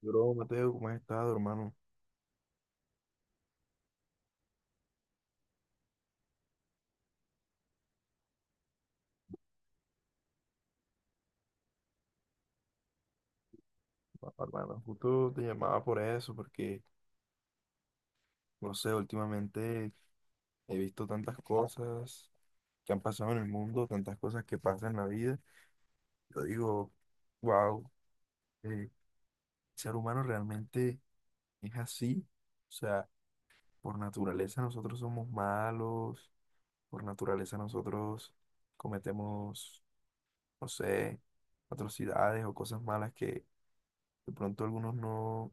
Bro, Mateo, ¿cómo has estado, hermano? Ah, hermano, justo te llamaba por eso, porque, no sé, últimamente he visto tantas cosas que han pasado en el mundo, tantas cosas que pasan en la vida. Yo digo, wow, el ser humano realmente es así. O sea, por naturaleza nosotros somos malos, por naturaleza nosotros cometemos, no sé, atrocidades o cosas malas que de pronto algunos no.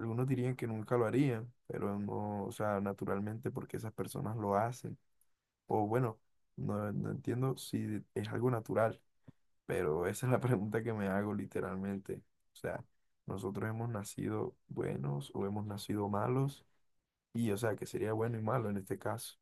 Algunos dirían que nunca lo harían, pero no, o sea, naturalmente porque esas personas lo hacen. O bueno, no, no entiendo si es algo natural, pero esa es la pregunta que me hago literalmente. O sea, nosotros hemos nacido buenos o hemos nacido malos, y o sea, que sería bueno y malo en este caso.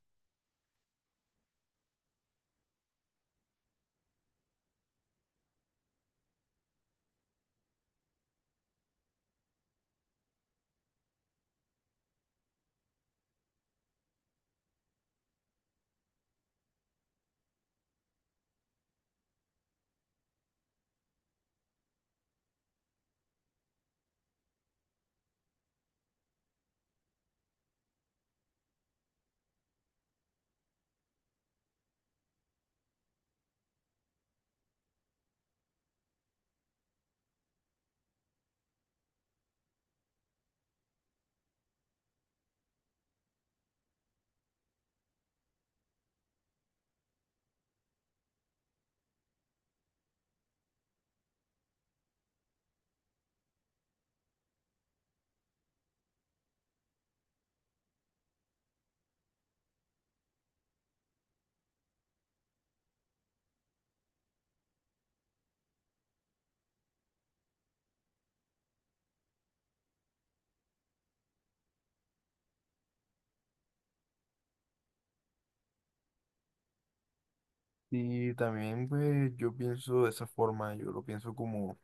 Y también pues yo pienso de esa forma, yo lo pienso como,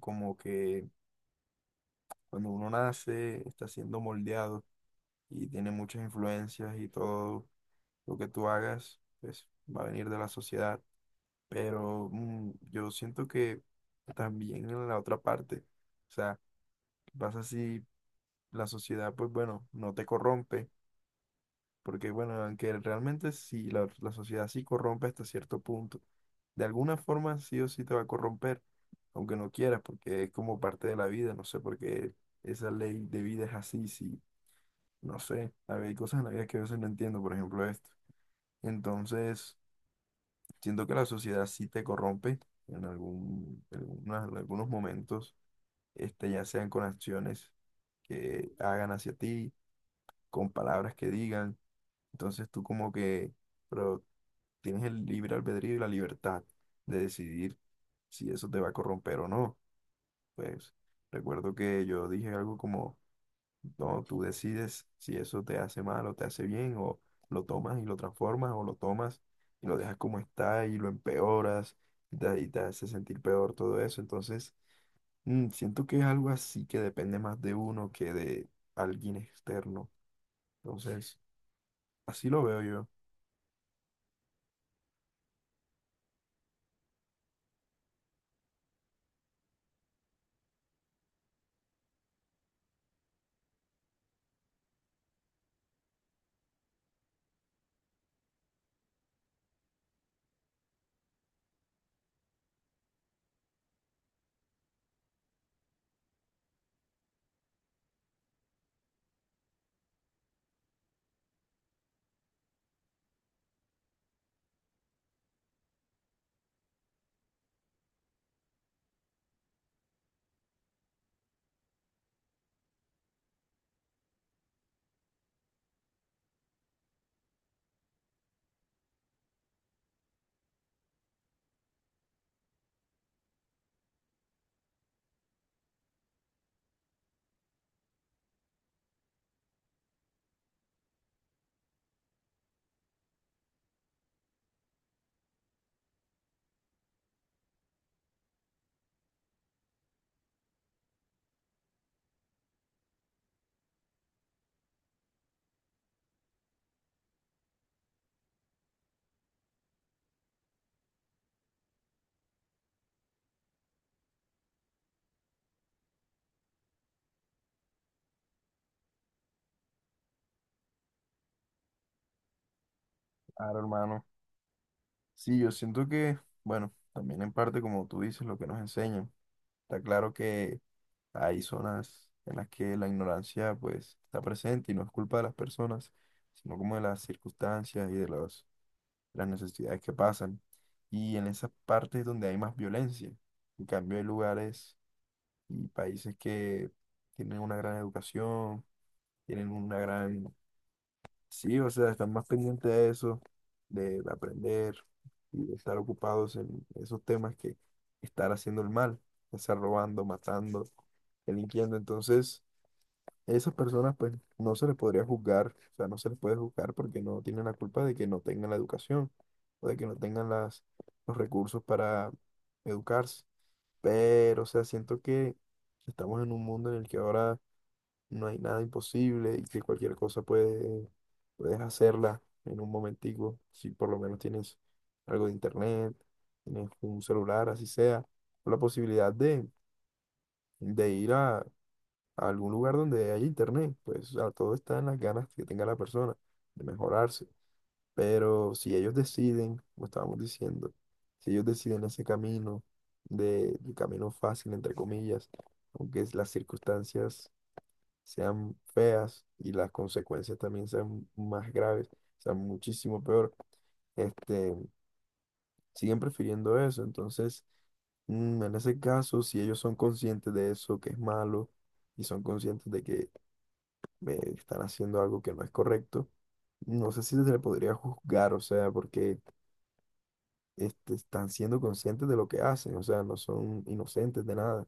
como que cuando uno nace está siendo moldeado y tiene muchas influencias y todo lo que tú hagas, pues va a venir de la sociedad. Pero yo siento que también en la otra parte, o sea, pasa si la sociedad, pues bueno, no te corrompe, porque bueno, aunque realmente si la sociedad sí corrompe hasta cierto punto, de alguna forma sí o sí te va a corromper, aunque no quieras, porque es como parte de la vida, no sé por qué esa ley de vida es así, si, no sé, a ver, hay cosas en la vida que a veces no entiendo, por ejemplo esto. Entonces, siento que la sociedad sí te corrompe en en algunos momentos, este, ya sean con acciones que hagan hacia ti, con palabras que digan. Entonces tú como que, pero tienes el libre albedrío y la libertad de decidir si eso te va a corromper o no. Pues recuerdo que yo dije algo como no, tú decides si eso te hace mal o te hace bien, o lo tomas y lo transformas, o lo tomas y lo dejas como está y lo empeoras y te hace sentir peor todo eso. Entonces, siento que es algo así que depende más de uno que de alguien externo. Entonces, así lo veo yo. Claro, hermano. Sí, yo siento que, bueno, también en parte, como tú dices, lo que nos enseñan. Está claro que hay zonas en las que la ignorancia pues está presente y no es culpa de las personas, sino como de las circunstancias y de los, las necesidades que pasan. Y en esas partes donde hay más violencia. En cambio hay lugares y países que tienen una gran educación, tienen una gran. Sí, o sea, están más pendientes de eso, de aprender y de estar ocupados en esos temas que estar haciendo el mal, ya sea robando, matando, delinquiendo. Entonces, esas personas, pues, no se les podría juzgar, o sea, no se les puede juzgar porque no tienen la culpa de que no tengan la educación o de que no tengan las, los recursos para educarse. Pero, o sea, siento que estamos en un mundo en el que ahora no hay nada imposible y que cualquier cosa puedes hacerla en un momentico, si por lo menos tienes algo de internet, tienes un celular, así sea, o la posibilidad de ir a algún lugar donde haya internet, pues o sea, todo está en las ganas que tenga la persona de mejorarse. Pero si ellos deciden, como estábamos diciendo, si ellos deciden ese camino, el camino fácil, entre comillas, aunque las circunstancias sean feas y las consecuencias también sean más graves, sean muchísimo peor, este, siguen prefiriendo eso. Entonces, en ese caso, si ellos son conscientes de eso, que es malo, y son conscientes de que están haciendo algo que no es correcto, no sé si se le podría juzgar, o sea, porque este, están siendo conscientes de lo que hacen, o sea, no son inocentes de nada.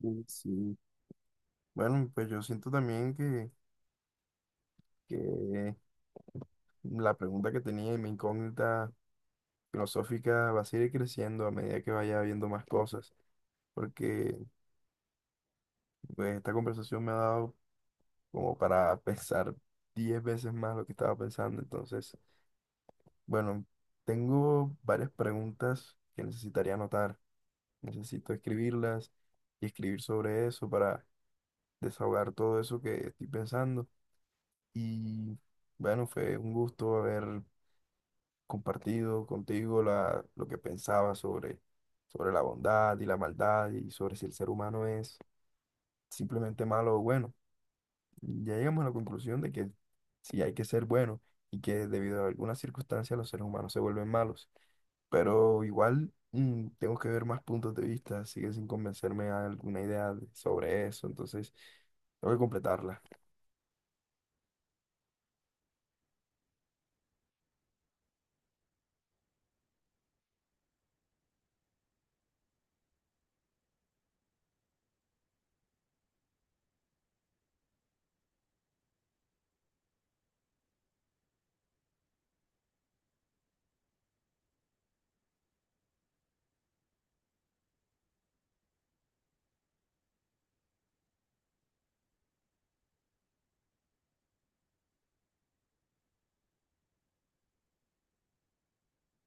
Y sí. Bueno, pues yo siento también que, la pregunta que tenía y mi incógnita filosófica va a seguir creciendo a medida que vaya viendo más cosas, porque pues, esta conversación me ha dado como para pensar 10 veces más lo que estaba pensando. Entonces, bueno, tengo varias preguntas que necesitaría anotar. Necesito escribirlas y escribir sobre eso para desahogar todo eso que estoy pensando. Y bueno, fue un gusto haber compartido contigo lo que pensaba sobre la bondad y la maldad y sobre si el ser humano es simplemente malo o bueno. Ya llegamos a la conclusión de que sí hay que ser bueno y que debido a algunas circunstancias los seres humanos se vuelven malos. Pero igual tengo que ver más puntos de vista, sigue sin convencerme a alguna idea sobre eso, entonces tengo que completarla.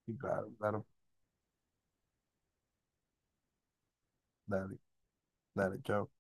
Y claro, claro, dale, dale, chao.